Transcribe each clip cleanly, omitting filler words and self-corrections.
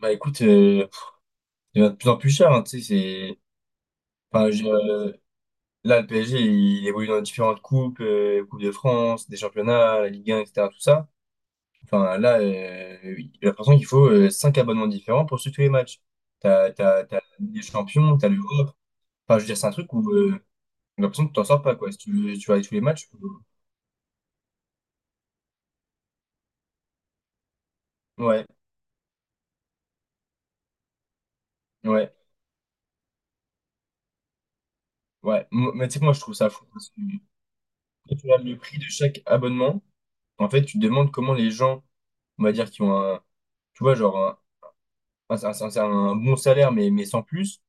Bah écoute, il devient de plus en plus cher, hein, tu sais, c'est... Enfin, là, le PSG, il évolue dans différentes coupes, Coupe de France, des championnats, la Ligue 1, etc., tout ça. Enfin, là, oui, j'ai l'impression qu'il faut cinq abonnements différents pour suivre tous les matchs. T'as la Ligue des champions, t'as l'Europe. Enfin, je veux dire, c'est un truc où j'ai l'impression que tu t'en sors pas, quoi. Si tu veux, si tu vas aller tous les matchs, ouais, ouais, ouais. Mais tu sais que moi, je trouve ça fou. Quand tu regardes le prix de chaque abonnement, en fait, tu te demandes comment les gens, on va dire, qui ont un, tu vois, genre un, un bon salaire, mais sans plus,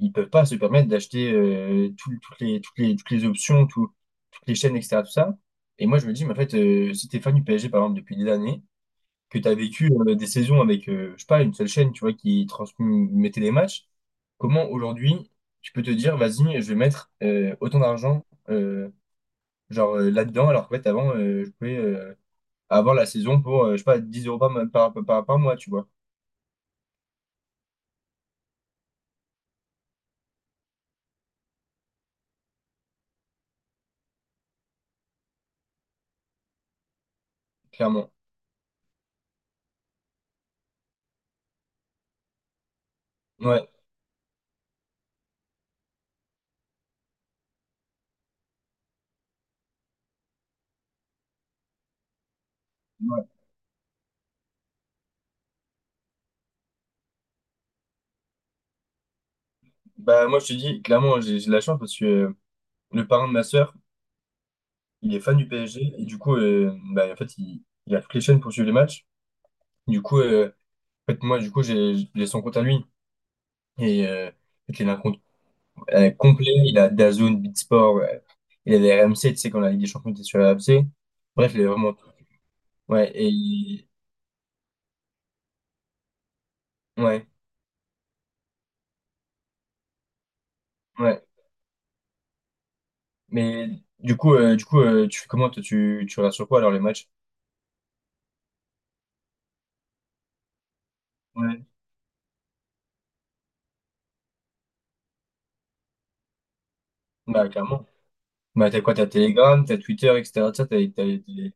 ils peuvent pas se permettre d'acheter toutes les options, toutes les chaînes, etc. Tout ça. Et moi, je me dis, mais en fait, si t'es fan du PSG, par exemple, depuis des années, que tu as vécu des saisons avec, je sais pas, une seule chaîne, tu vois, qui transmettait les matchs, comment aujourd'hui tu peux te dire, vas-y, je vais mettre autant d'argent. euh, genre là-dedans, alors qu'en fait, avant, je pouvais avoir la saison pour, je sais pas, 10 euros par mois, tu vois, clairement. Ouais, ouais. Bah, moi, je te dis, clairement, j'ai de la chance parce que le parrain de ma sœur, il est fan du PSG et du coup, bah, en fait, il a toutes les chaînes pour suivre les matchs. Du coup, en fait, moi, du coup, j'ai son compte à lui et en fait, il a un compte complet, il a DAZN, Beatsport, il a les RMC, tu sais, quand la Ligue des Champions était sur la RMC. Bref, il a vraiment tout. Ouais, ouais. Ouais, mais du coup, tu fais comment toi, tu regardes sur quoi alors les matchs? Ouais. Bah clairement. Bah t'as quoi? T'as Telegram, t'as Twitter, etc.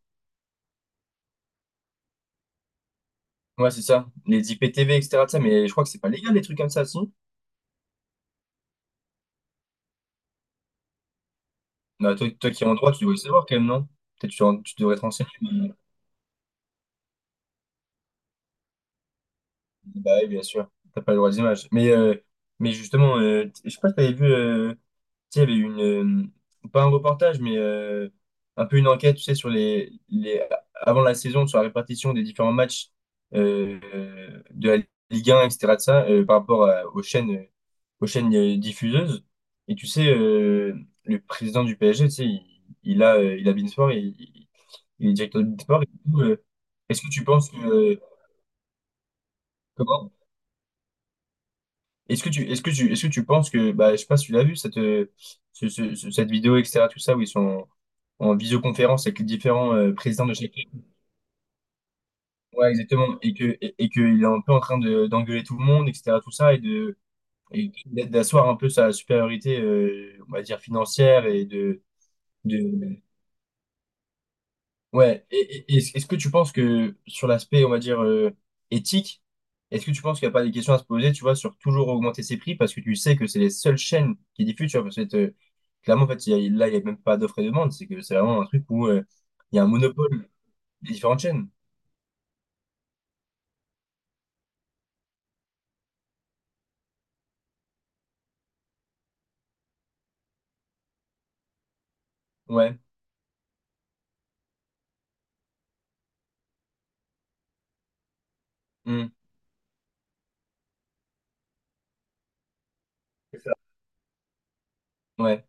Ouais, c'est ça. Les IPTV, etc. ça, mais je crois que c'est pas légal les trucs comme ça, si. Bah toi, toi qui es en droit, tu devrais savoir quand même, non? Peut-être tu devrais te renseigner. Bah oui, bien sûr, t'as pas le droit des images. Mais justement, je sais pas si t'avais vu, tu sais, il y avait une, pas un reportage, mais un peu une enquête, tu sais, sur avant la saison, sur la répartition des différents matchs de la Ligue 1, etc. de ça, par rapport à- aux chaînes diffuseuses. Et tu sais, le président du PSG, tu sais, il a beIN Sport, il est directeur de beIN Sport. Et du coup, est-ce que tu penses que, comment. Est-ce que tu, est-ce que tu, est-ce que tu penses que, bah, je sais pas si tu l'as vu, cette, ce- ce- ce- cette vidéo, etc., tout ça, où ils sont en visioconférence avec les différents présidents de chaque équipe. Ouais, exactement. Et qu'il est un peu en train de, d'engueuler tout le monde, etc., tout ça, et d'asseoir un peu sa supériorité, on va dire, financière de, Ouais, est-ce que tu penses que sur l'aspect, on va dire, éthique, est-ce que tu penses qu'il n'y a pas des questions à se poser, tu vois, sur toujours augmenter ses prix parce que tu sais que c'est les seules chaînes qui diffusent, tu vois, parce que clairement, en fait, là, il n'y a même pas d'offre et demande, c'est que c'est vraiment un truc où il y a un monopole des différentes chaînes. Ouais, hmm, c'est ça. Ouais.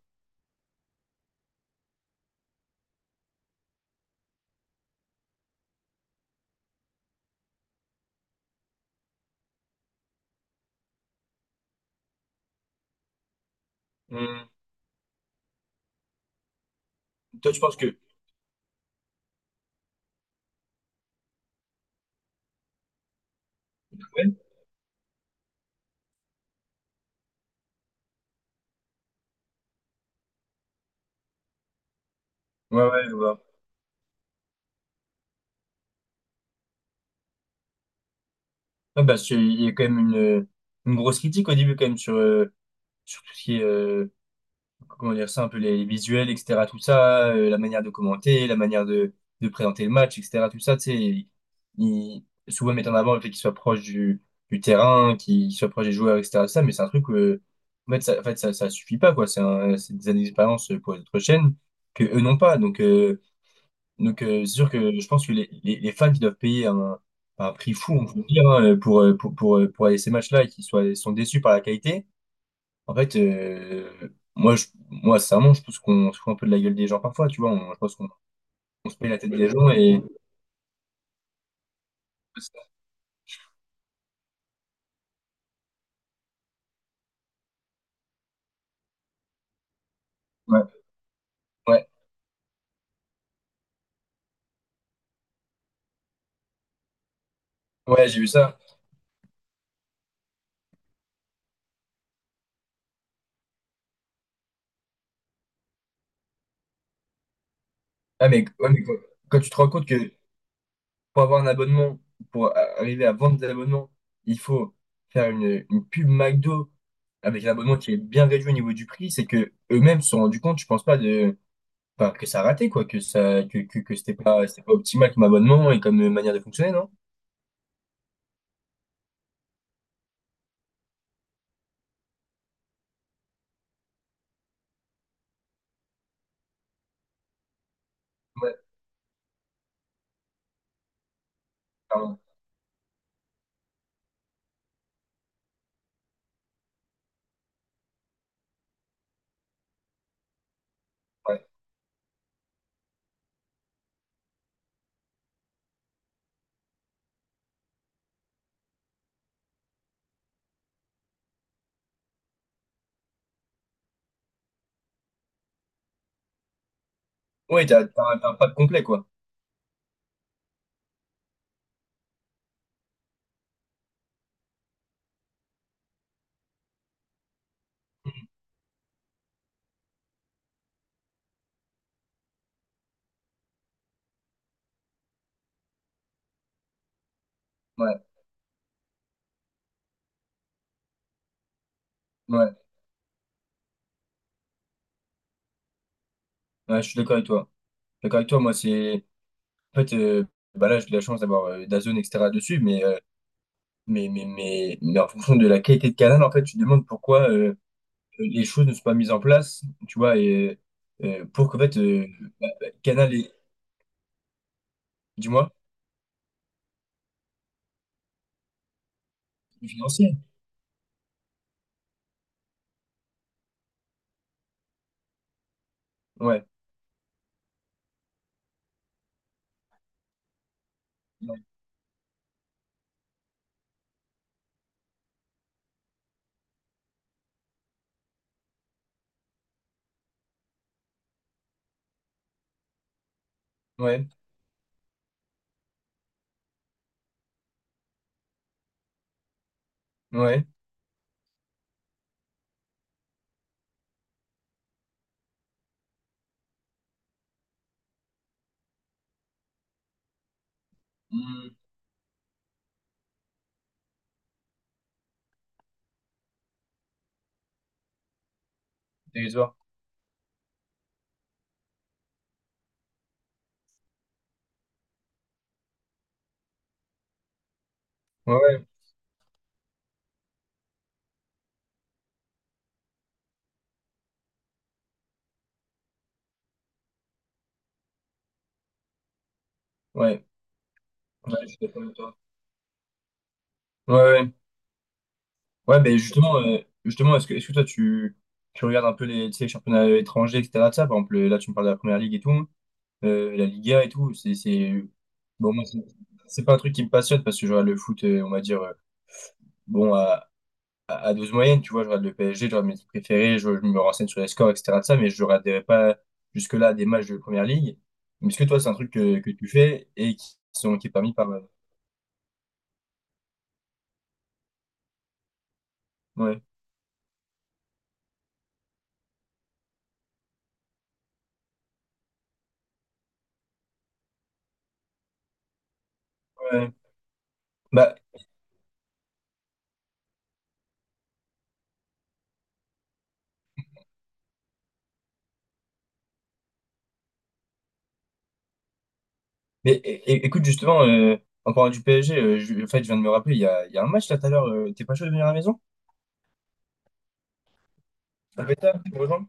Hmm. Toi, tu penses que... Ouais, ouais, ouais, je vois. Ouais, parce qu'il y a quand même une grosse critique au début, quand même, sur tout ce qui est... comment dire ça, un peu les visuels, etc., tout ça, la manière de commenter, la manière de présenter le match, etc., tout ça, tu sais, il- souvent mettre en avant le fait qu'il soit proche du terrain, qu'il soit proche des joueurs, etc., tout ça, mais c'est un truc, en fait, ça suffit pas, quoi, c'est des années d'expérience pour les autres chaînes que eux n'ont pas, donc, c'est sûr que je pense que les fans qui doivent payer un prix fou, on peut le dire, hein, pour aller à ces matchs-là et qui sont déçus par la qualité, en fait, moi, sincèrement, je pense qu'on se fout un peu de la gueule des gens parfois, tu vois. Je pense qu'on on se paye la tête des gens et. Ouais, ouais, ouais, j'ai vu ça. Ah, mais, ouais, mais quand tu te rends compte que pour avoir un abonnement, pour arriver à vendre des abonnements, il faut faire une pub McDo avec un abonnement qui est bien réduit au niveau du prix, c'est que eux-mêmes se sont rendus compte, je pense pas, de, enfin, que ça a raté, quoi, que ça, que c'était pas optimal comme abonnement et comme manière de fonctionner, non? Ouais, t'as un- ouais. Ouais, t'as un pack complet, quoi. Ouais, ouais, ouais, je suis d'accord avec toi. Je suis d'accord avec toi, moi, c'est. En fait, bah là, j'ai de la chance d'avoir DAZN, etc. dessus, mais en fonction de la qualité de canal, en fait, tu te demandes pourquoi les choses ne sont pas mises en place, tu vois, et pour qu'en fait, Canal est, dis-moi, financier. Ouais, ouais, ouais. Mmh, dérisoire. Ouais, ouais, ouais, ouais, je suis d'accord avec toi. Ouais, ouais. Ouais, ben justement, est-ce que toi, tu regardes un peu les, tu sais, les championnats étrangers, etc. de ça, par exemple, là, tu me parles de la Première Ligue et tout, la Liga et tout, bon, moi, c'est pas un truc qui me passionne parce que je regarde le foot, on va dire, bon, à à dose moyenne, tu vois, je regarde le PSG, je regarde mes équipes préférées, je me renseigne sur les scores, etc. de ça, mais je regarderai pas jusque-là des matchs de Première Ligue. Mais est-ce que toi, c'est un truc que tu fais et qui est permis par, ouais, ouais. Bah, mais écoute, justement, en parlant du PSG, en fait, je viens de me rappeler, il y a un match là tout à l'heure. T'es pas chaud de venir à la maison? Ça peut être tard, tu me rejoins?